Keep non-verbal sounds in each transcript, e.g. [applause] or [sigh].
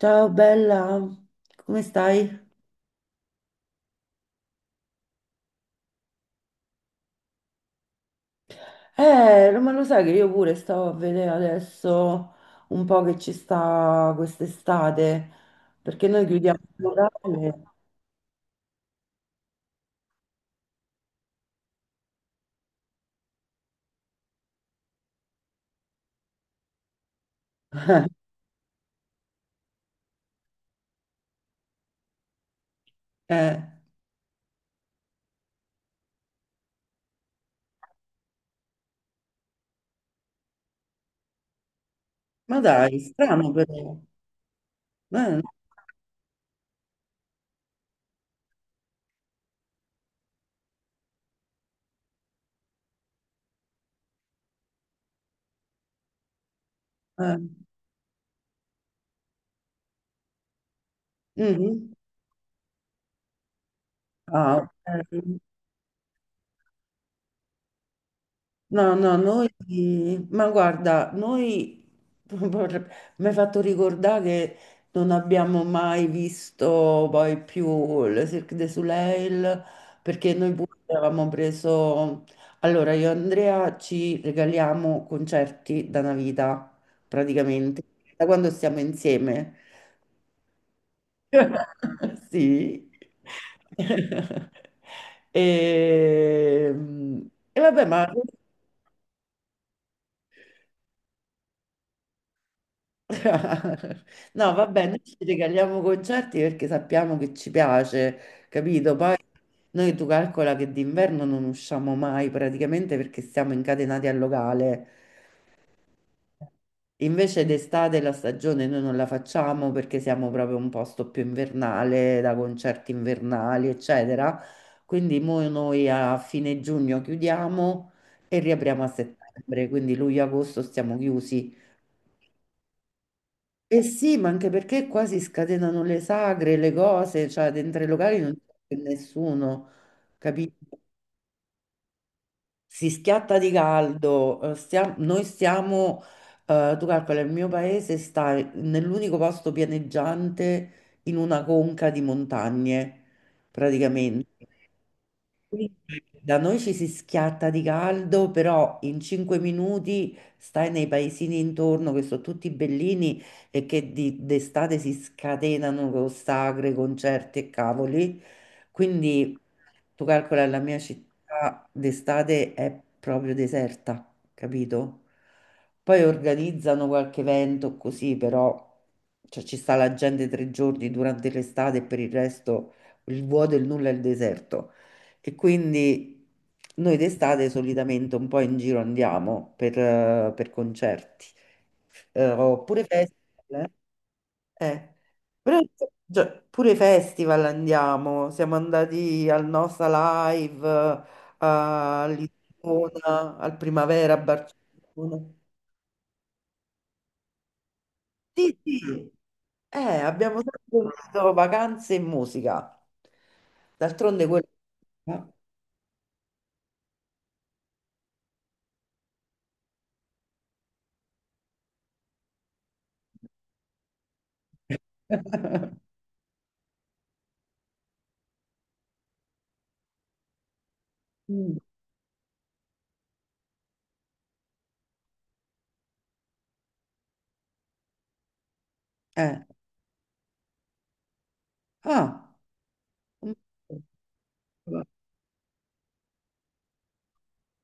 Ciao bella, come stai? No, ma lo sai che io pure stavo a vedere adesso un po' che ci sta quest'estate, perché noi chiudiamo il locale. [laughs] Eh, ma dai, strano però. Eh, eh. Mhm. Ah, ok. No, no, ma guarda, noi, [laughs] vorre- mi hai fatto ricordare che non abbiamo mai visto poi più le Cirque du Soleil, perché noi pure avevamo preso, allora io e Andrea ci regaliamo concerti da una vita, praticamente, da quando stiamo insieme. [laughs] Sì. [laughs] E, e vabbè, ma [laughs] No, vabbè, noi ci regaliamo concerti perché sappiamo che ci piace, capito? Poi noi tu calcola che d'inverno non usciamo mai praticamente perché siamo incatenati al locale. Invece d'estate la stagione noi non la facciamo perché siamo proprio un posto più invernale, da concerti invernali, eccetera. Quindi mo noi a fine giugno chiudiamo e riapriamo a settembre, quindi luglio-agosto stiamo chiusi. Eh sì, ma anche perché qua si scatenano le sagre, le cose, cioè dentro i locali non c'è più nessuno, capito? Si schiatta di caldo, tu calcola, il mio paese sta nell'unico posto pianeggiante in una conca di montagne, praticamente. Quindi da noi ci si schiatta di caldo, però in 5 minuti stai nei paesini intorno che sono tutti bellini e che d'estate si scatenano con sagre, concerti e cavoli. Quindi tu calcola la mia città d'estate è proprio deserta, capito? Poi organizzano qualche evento così, però cioè, ci sta la gente 3 giorni durante l'estate e per il resto il vuoto, il nulla e il deserto. E quindi noi d'estate solitamente un po' in giro andiamo per concerti, oppure festival. Eh. Eh, Però, pure festival andiamo, siamo andati al Nosa Live, a Lisbona, al Primavera a Barcellona. Sì, sì. Abbiamo sempre combinato vacanze e musica. D'altronde quello. [laughs] Mm. Eh. Ah,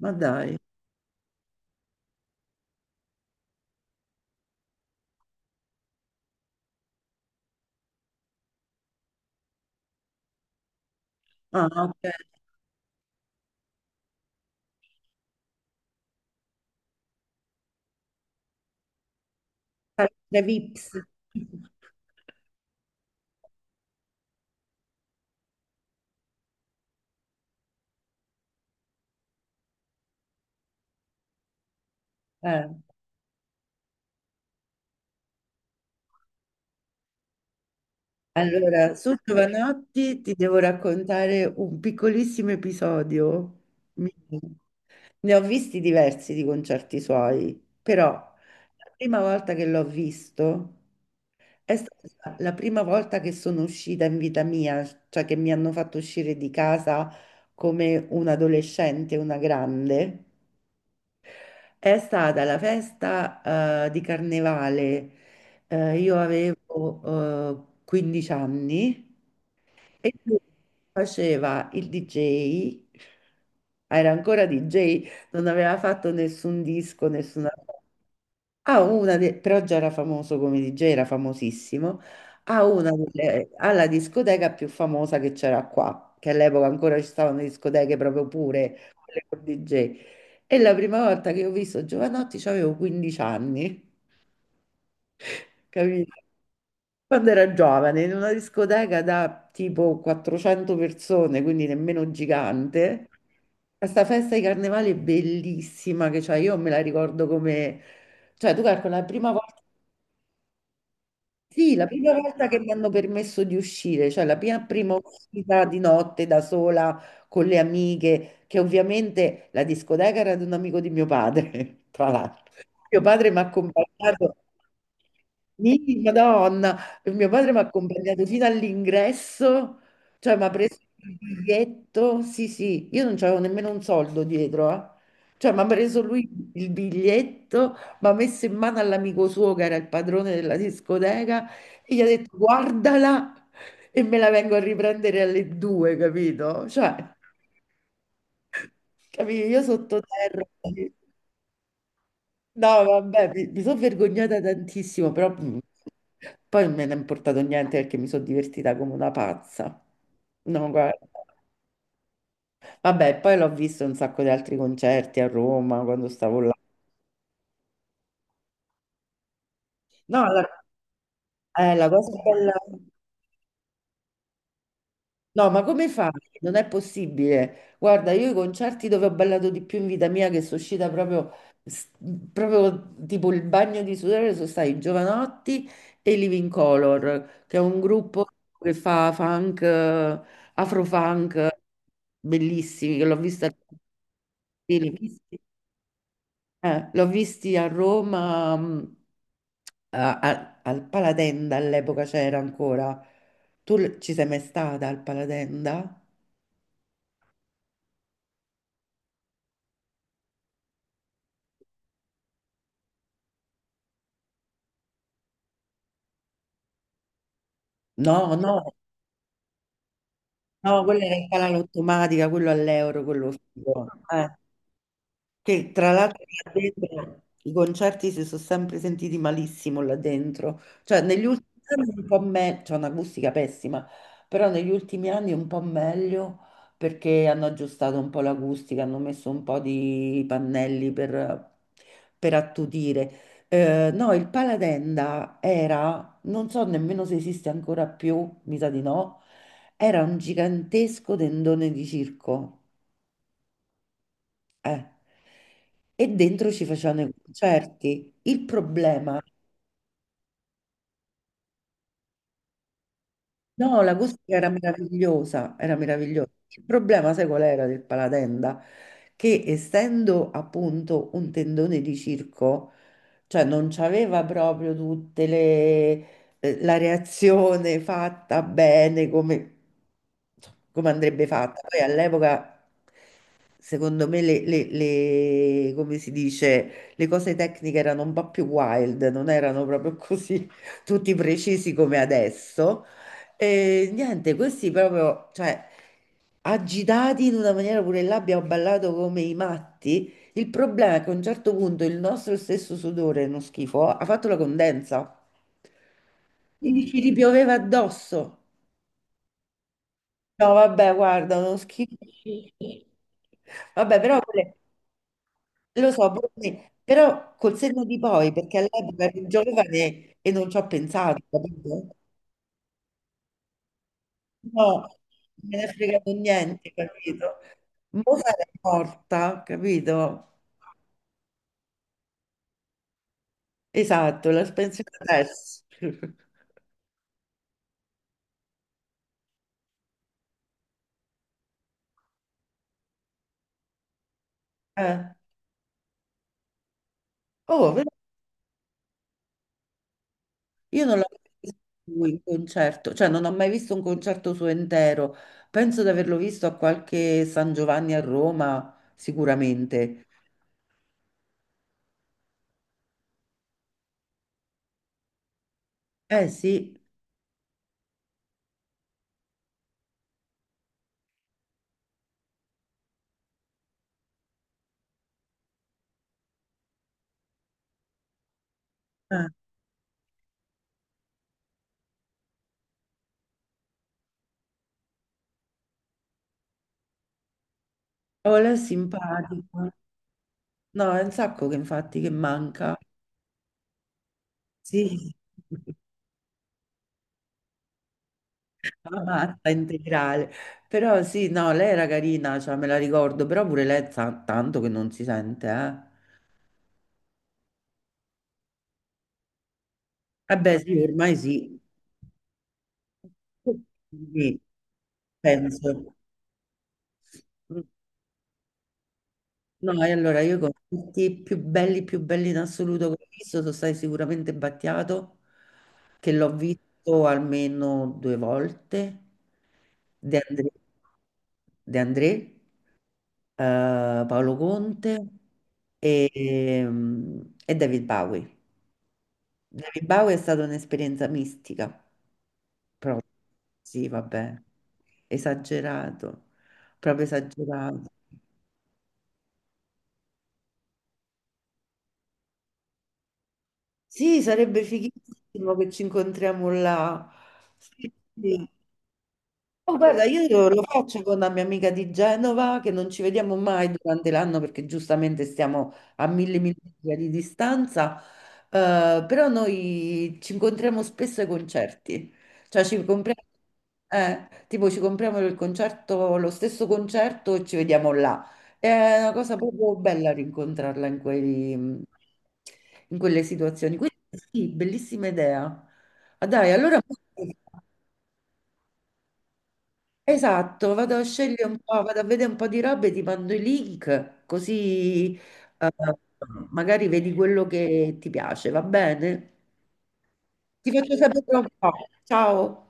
ma dai. Ah, ok. Palestra Vips. [laughs] Eh, Allora, su Giovanotti ti devo raccontare un piccolissimo episodio. Mio. Ne ho visti diversi di concerti suoi, però la prima volta che l'ho visto è stata la prima volta che sono uscita in vita mia, cioè che mi hanno fatto uscire di casa come un adolescente, una grande. È stata la festa, di carnevale. Io avevo, 15 anni e lui faceva il DJ. Era ancora DJ, non aveva fatto nessun disco, nessuna ha una de- però già era famoso come DJ, era famosissimo, ha la discoteca più famosa che c'era qua, che all'epoca ancora ci stavano le discoteche proprio pure, quelle con DJ. E la prima volta che ho visto Giovanotti avevo 15 anni, capito? Quando era giovane, in una discoteca da tipo 400 persone, quindi nemmeno gigante. Questa festa di carnevale è bellissima che c'è, io me la ricordo come. Cioè, tu calcoli la prima volta. Sì, la prima volta che mi hanno permesso di uscire, cioè la mia prima uscita di notte da sola con le amiche, che ovviamente la discoteca era di un amico di mio padre, [laughs] tra l'altro. Mio padre mi ha accompagnato. Sì, Madonna, mio padre mi ha accompagnato fino all'ingresso, cioè mi ha preso il biglietto, sì sì, io non c'avevo nemmeno un soldo dietro, eh. Cioè mi ha preso lui il biglietto, mi ha messo in mano all'amico suo che era il padrone della discoteca e gli ha detto guardala e me la vengo a riprendere alle due, capito? Cioè, capito? Io sottoterra. No, vabbè, mi sono vergognata tantissimo, però poi non me ne è importato niente perché mi sono divertita come una pazza. No, guarda. Vabbè, poi l'ho visto in un sacco di altri concerti a Roma quando stavo là. No, la cosa bella. No, ma come fai? Non è possibile. Guarda, io i concerti dove ho ballato di più in vita mia, che sono uscita s- proprio tipo il bagno di sudore, sono stati i Giovanotti e i Living Color, che è un gruppo che fa funk, afro-funk, bellissimi, che l'ho vista, sì, l'ho visti a Roma, al Palatenda all'epoca c'era ancora. Tu ci sei mai stata al Palatenda? No, no, no, quella era in cala automatica, quello all'euro, quello figo. Che tra l'altro là dentro i concerti si sono sempre sentiti malissimo là dentro, cioè negli ultimi anni un po' meglio, c'è un'acustica pessima, però negli ultimi anni un po' meglio perché hanno aggiustato un po' l'acustica, hanno messo un po' di pannelli per attutire. No, il Paladenda era, non so nemmeno se esiste ancora più, mi sa di no, era un gigantesco tendone di circo eh. E dentro ci facevano i concerti. Il problema, no, l'acustica era meravigliosa, era meravigliosa. Il problema, sai qual era del Palatenda? Che essendo appunto un tendone di circo, cioè non c'aveva proprio tutte le la reazione fatta bene come, insomma, come andrebbe fatta. Poi all'epoca secondo me come si dice, le cose tecniche erano un po' più wild, non erano proprio così [laughs] tutti precisi come adesso. E niente, questi proprio, cioè, agitati in una maniera pure là abbiamo ballato come i matti. Il problema è che a un certo punto il nostro stesso sudore, uno schifo, ha fatto la condensa. Quindi ci ripioveva addosso. No, vabbè, guarda, uno schifo. Vabbè, però lo so, pure me, però col senno di poi, perché all'epoca ero giovane e non ci ho pensato, capito? No, non me ne è fregato niente, capito? Mo sarei morta, capito? Esatto, la pensione adesso. [laughs] Eh, Oh, vedi, io non l'ho mai visto lui in concerto, cioè non ho mai visto un concerto suo intero. Penso di averlo visto a qualche San Giovanni a Roma, sicuramente. Eh sì, eh. Oh, lei è simpatico. No, è un sacco che infatti che manca. Sì, [laughs] la matta integrale. Però sì, no, lei era carina, cioè me la ricordo, però pure lei tanto che non si sente, eh. Eh beh, sì, ormai sì. Sì, penso. No, e allora io con tutti più belli in assoluto che ho visto, sono stati sicuramente Battiato, che l'ho visto almeno 2 volte, De André, De André Paolo Conte e David Bowie. David Bowie è stata un'esperienza mistica, proprio. Sì, vabbè, esagerato, proprio esagerato. Sì, sarebbe fighissimo che ci incontriamo là. Sì, sì. Oh, guarda, io lo faccio con la mia amica di Genova, che non ci vediamo mai durante l'anno perché giustamente stiamo a mille miglia di distanza, però noi ci incontriamo spesso ai concerti, cioè tipo ci compriamo il concerto, lo stesso concerto e ci vediamo là. È una cosa proprio bella rincontrarla in quelle situazioni. Quindi sì, bellissima idea. Ah, dai, allora. Esatto, vado a scegliere un po', vado a vedere un po' di robe, ti mando i link, così eh, magari vedi quello che ti piace, va bene? Ti faccio sapere un po'. Ciao.